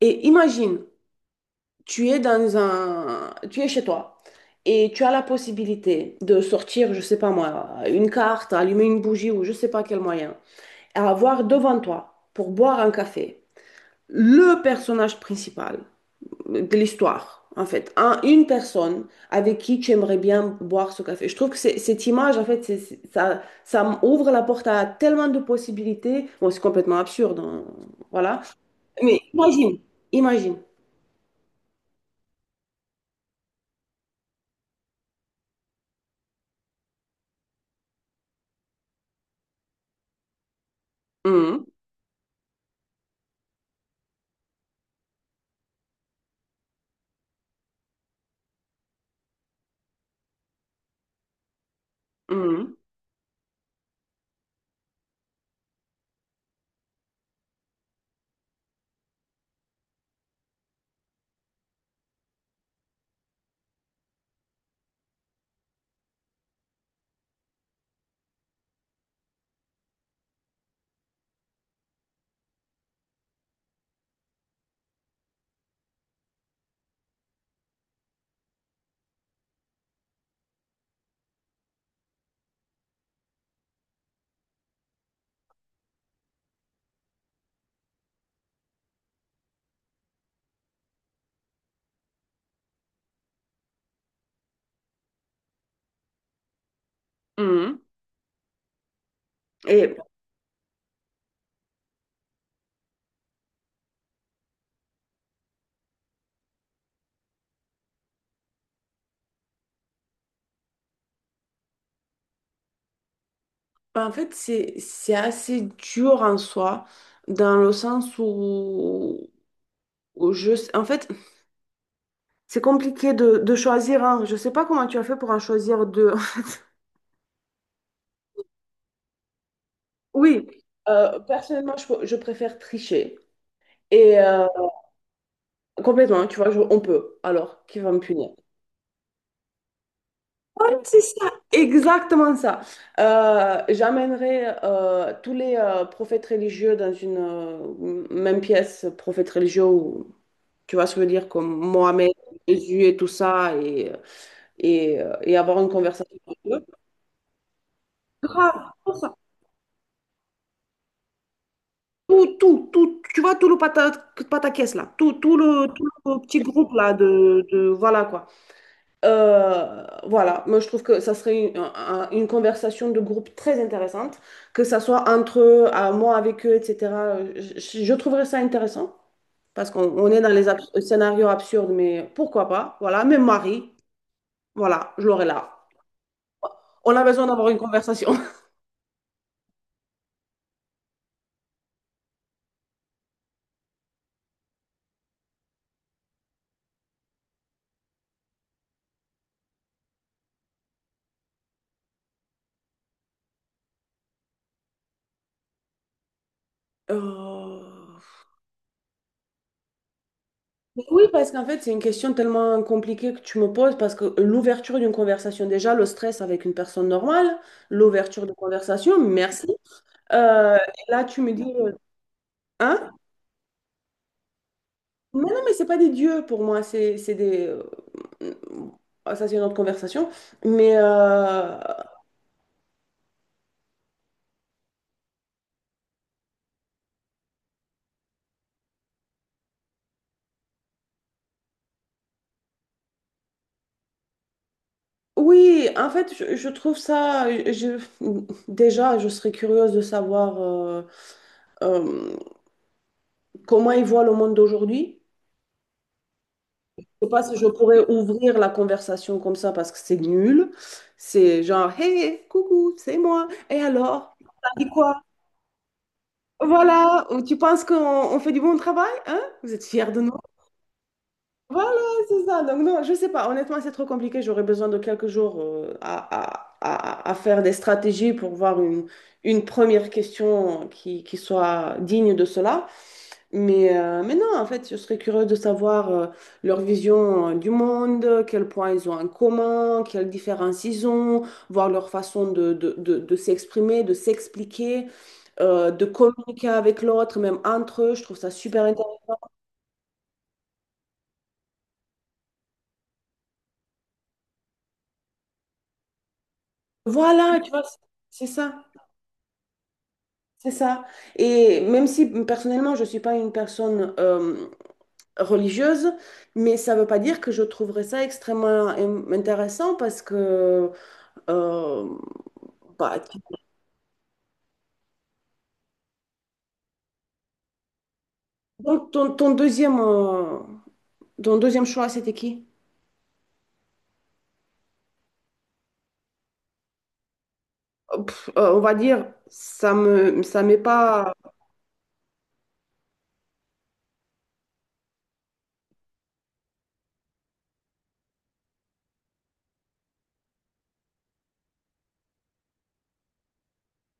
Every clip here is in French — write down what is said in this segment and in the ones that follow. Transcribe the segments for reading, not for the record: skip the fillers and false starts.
Et imagine, tu es dans tu es chez toi et tu as la possibilité de sortir, je sais pas moi, une carte, allumer une bougie ou je sais pas quel moyen, et avoir devant toi pour boire un café le personnage principal de l'histoire, en fait, une personne avec qui tu aimerais bien boire ce café. Je trouve que cette image, en fait, ça ouvre la porte à tellement de possibilités. Bon, c'est complètement absurde, hein, voilà. Mais imagine, imagine. Mmh. Mhm, mhm. Et bah, en fait, c'est assez dur en soi, dans le sens où, en fait, c'est compliqué de choisir un. Je sais pas comment tu as fait pour en choisir deux. en fait. Oui, personnellement, je préfère tricher. Et complètement, hein, tu vois, on peut. Alors, qui va me punir? Ouais, c'est ça, exactement ça. J'emmènerai tous les prophètes religieux dans une même pièce, prophètes religieux ou tu vois ce que je veux dire, comme Mohamed, Jésus et tout ça, et avoir une conversation avec eux. Grave, tout ça. Tout, tout, tout, tu vois, tout le pataquès là, tout tout le petit groupe là de voilà quoi. Voilà, moi je trouve que ça serait une conversation de groupe très intéressante, que ça soit entre eux, à moi avec eux, etc. Je trouverais ça intéressant parce qu'on on est dans les scénarios absurdes, mais pourquoi pas, voilà, même Marie, voilà, je l'aurais là. On a besoin d'avoir une conversation. Euh, Oui, parce qu'en fait, c'est une question tellement compliquée que tu me poses, parce que l'ouverture d'une conversation, déjà, le stress avec une personne normale, l'ouverture de conversation, merci. Et là, tu me dis, hein? Mais non, mais c'est pas des dieux pour moi, c'est des… ah, ça, c'est une autre conversation. Mais oui, en fait, je trouve ça… déjà, je serais curieuse de savoir euh, comment ils voient le monde d'aujourd'hui. Je sais pas si je pourrais ouvrir la conversation comme ça parce que c'est nul. C'est genre, hey, hey, coucou, c'est moi. Et alors, t'as dit quoi? Voilà, ou tu penses qu'on on fait du bon travail, hein? Vous êtes fiers de nous? Voilà, c'est ça. Donc non, je sais pas. Honnêtement, c'est trop compliqué. J'aurais besoin de quelques jours à- à faire des stratégies pour voir une première question qui soit digne de cela. Mais non, en fait, je serais curieux de savoir leur vision du monde, quel point ils ont en commun, quelles différences ils ont, voir leur façon de s'exprimer, de s'expliquer, de communiquer avec l'autre, même entre eux. Je trouve ça super intéressant. Voilà, tu vois, c'est ça, c'est ça. Et même si personnellement, je ne suis pas une personne religieuse, mais ça ne veut pas dire que je trouverais ça extrêmement intéressant parce que… euh, Bah, donc, ton deuxième choix, c'était qui? Pff, on va dire, ça ça m'est pas.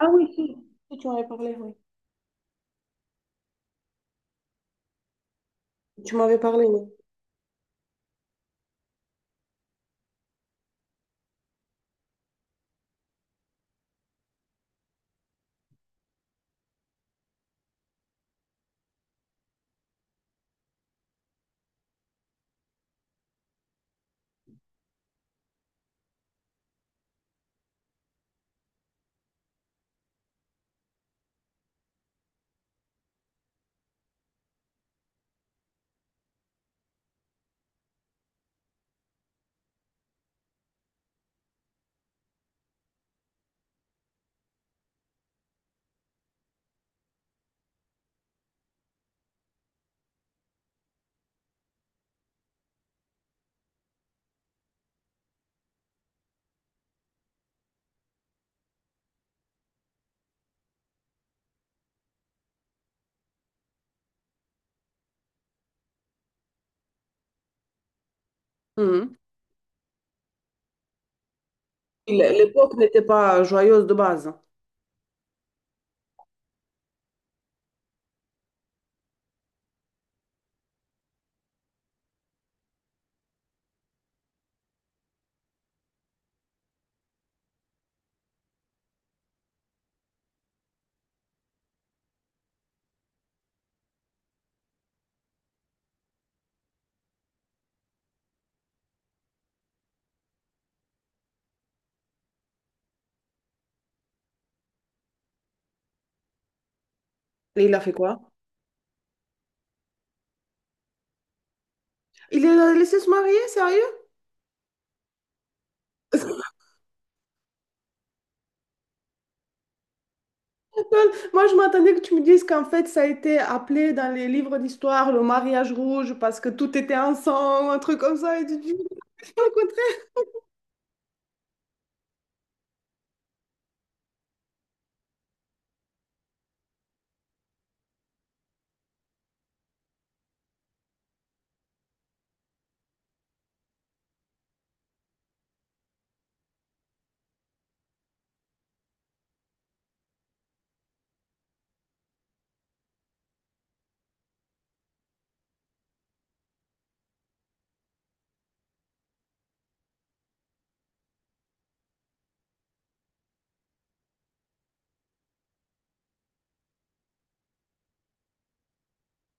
Ah oui, si, si, tu m'avais parlé, oui. Tu m'avais parlé, oui. Mhm. L- L'époque n'était pas joyeuse de base. Et il a fait quoi? Il a laissé se marier, sérieux? Moi, je m'attendais que tu me dises qu'en fait, ça a été appelé dans les livres d'histoire le mariage rouge parce que tout était ensemble, un truc comme ça. Et tu dis, au contraire.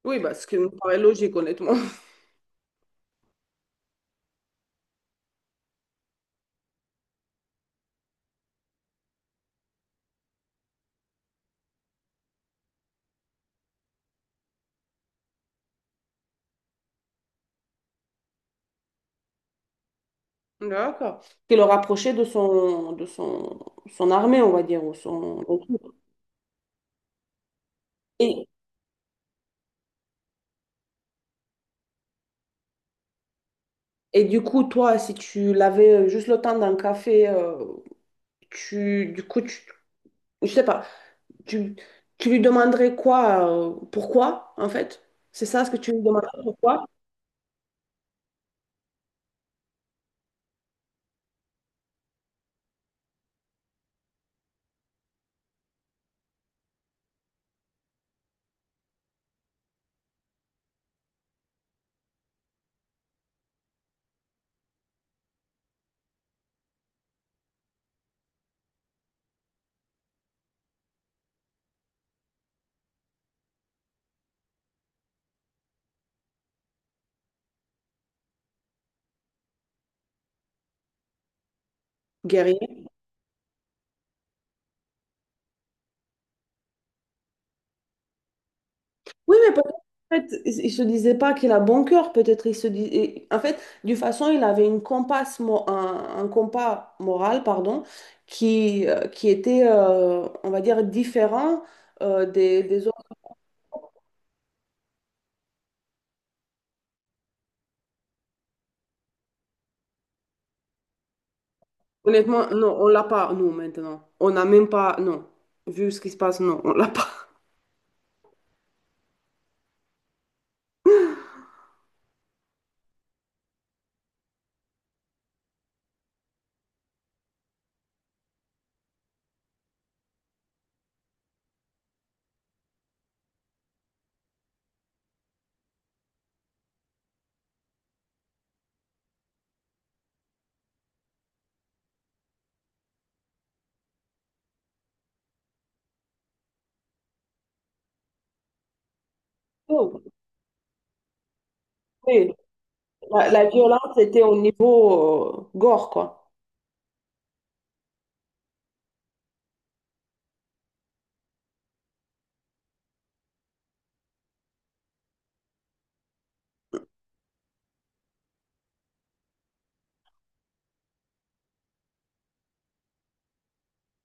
Oui, bah, ce qui me paraît logique, honnêtement. D'accord. Qui le rapprochait de de son, son armée, on va dire, ou son truc. Et, et du coup, toi, si tu l'avais juste le temps d'un café, tu, du coup, tu, je sais pas, tu, tu lui demanderais quoi, pourquoi, en fait? C'est ça ce que tu lui demanderais, pourquoi? Guerrier. Oui, mais peut-être, en fait, il se disait pas qu'il a bon cœur, peut-être il se dis- et- en fait, d'une façon, il avait une un compas moral, pardon, qui était, on va dire, différent euh, des autres. Honnêtement, non, on l'a pas, nous, maintenant. On n'a même pas, non. Vu ce qui se passe, non, on l'a pas. Oh, oui, la violence était au niveau gore, quoi.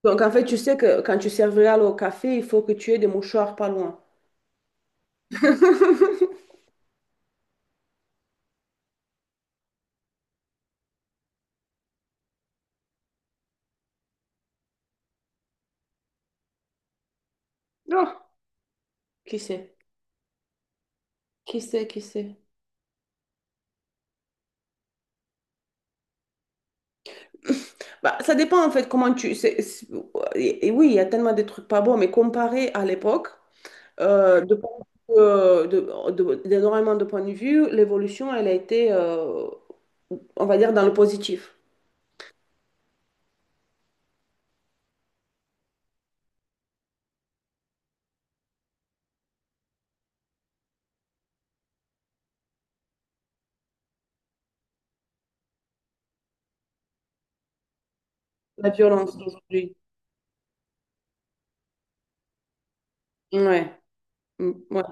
Donc, en fait, tu sais que quand tu serviras au café, il faut que tu aies des mouchoirs pas loin. Non, qui sait? Qui sait, qui sait? Bah, ça dépend en fait comment tu. Et oui, il y a tellement de trucs pas bons, mais comparé à l'époque, point d'énormément de points de vue, l'évolution, elle a été, on va dire, dans le positif. La violence d'aujourd'hui. Ouais. Mm, ouais.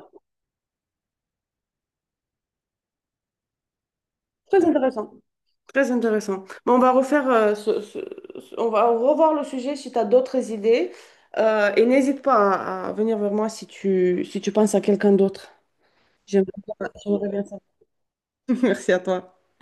Très intéressant. Très intéressant. Bon, on va refaire, on va revoir le sujet si tu as d'autres idées. Et n'hésite pas à venir vers moi si tu, si tu penses à quelqu'un d'autre. J'aimerais bien savoir. Merci à toi.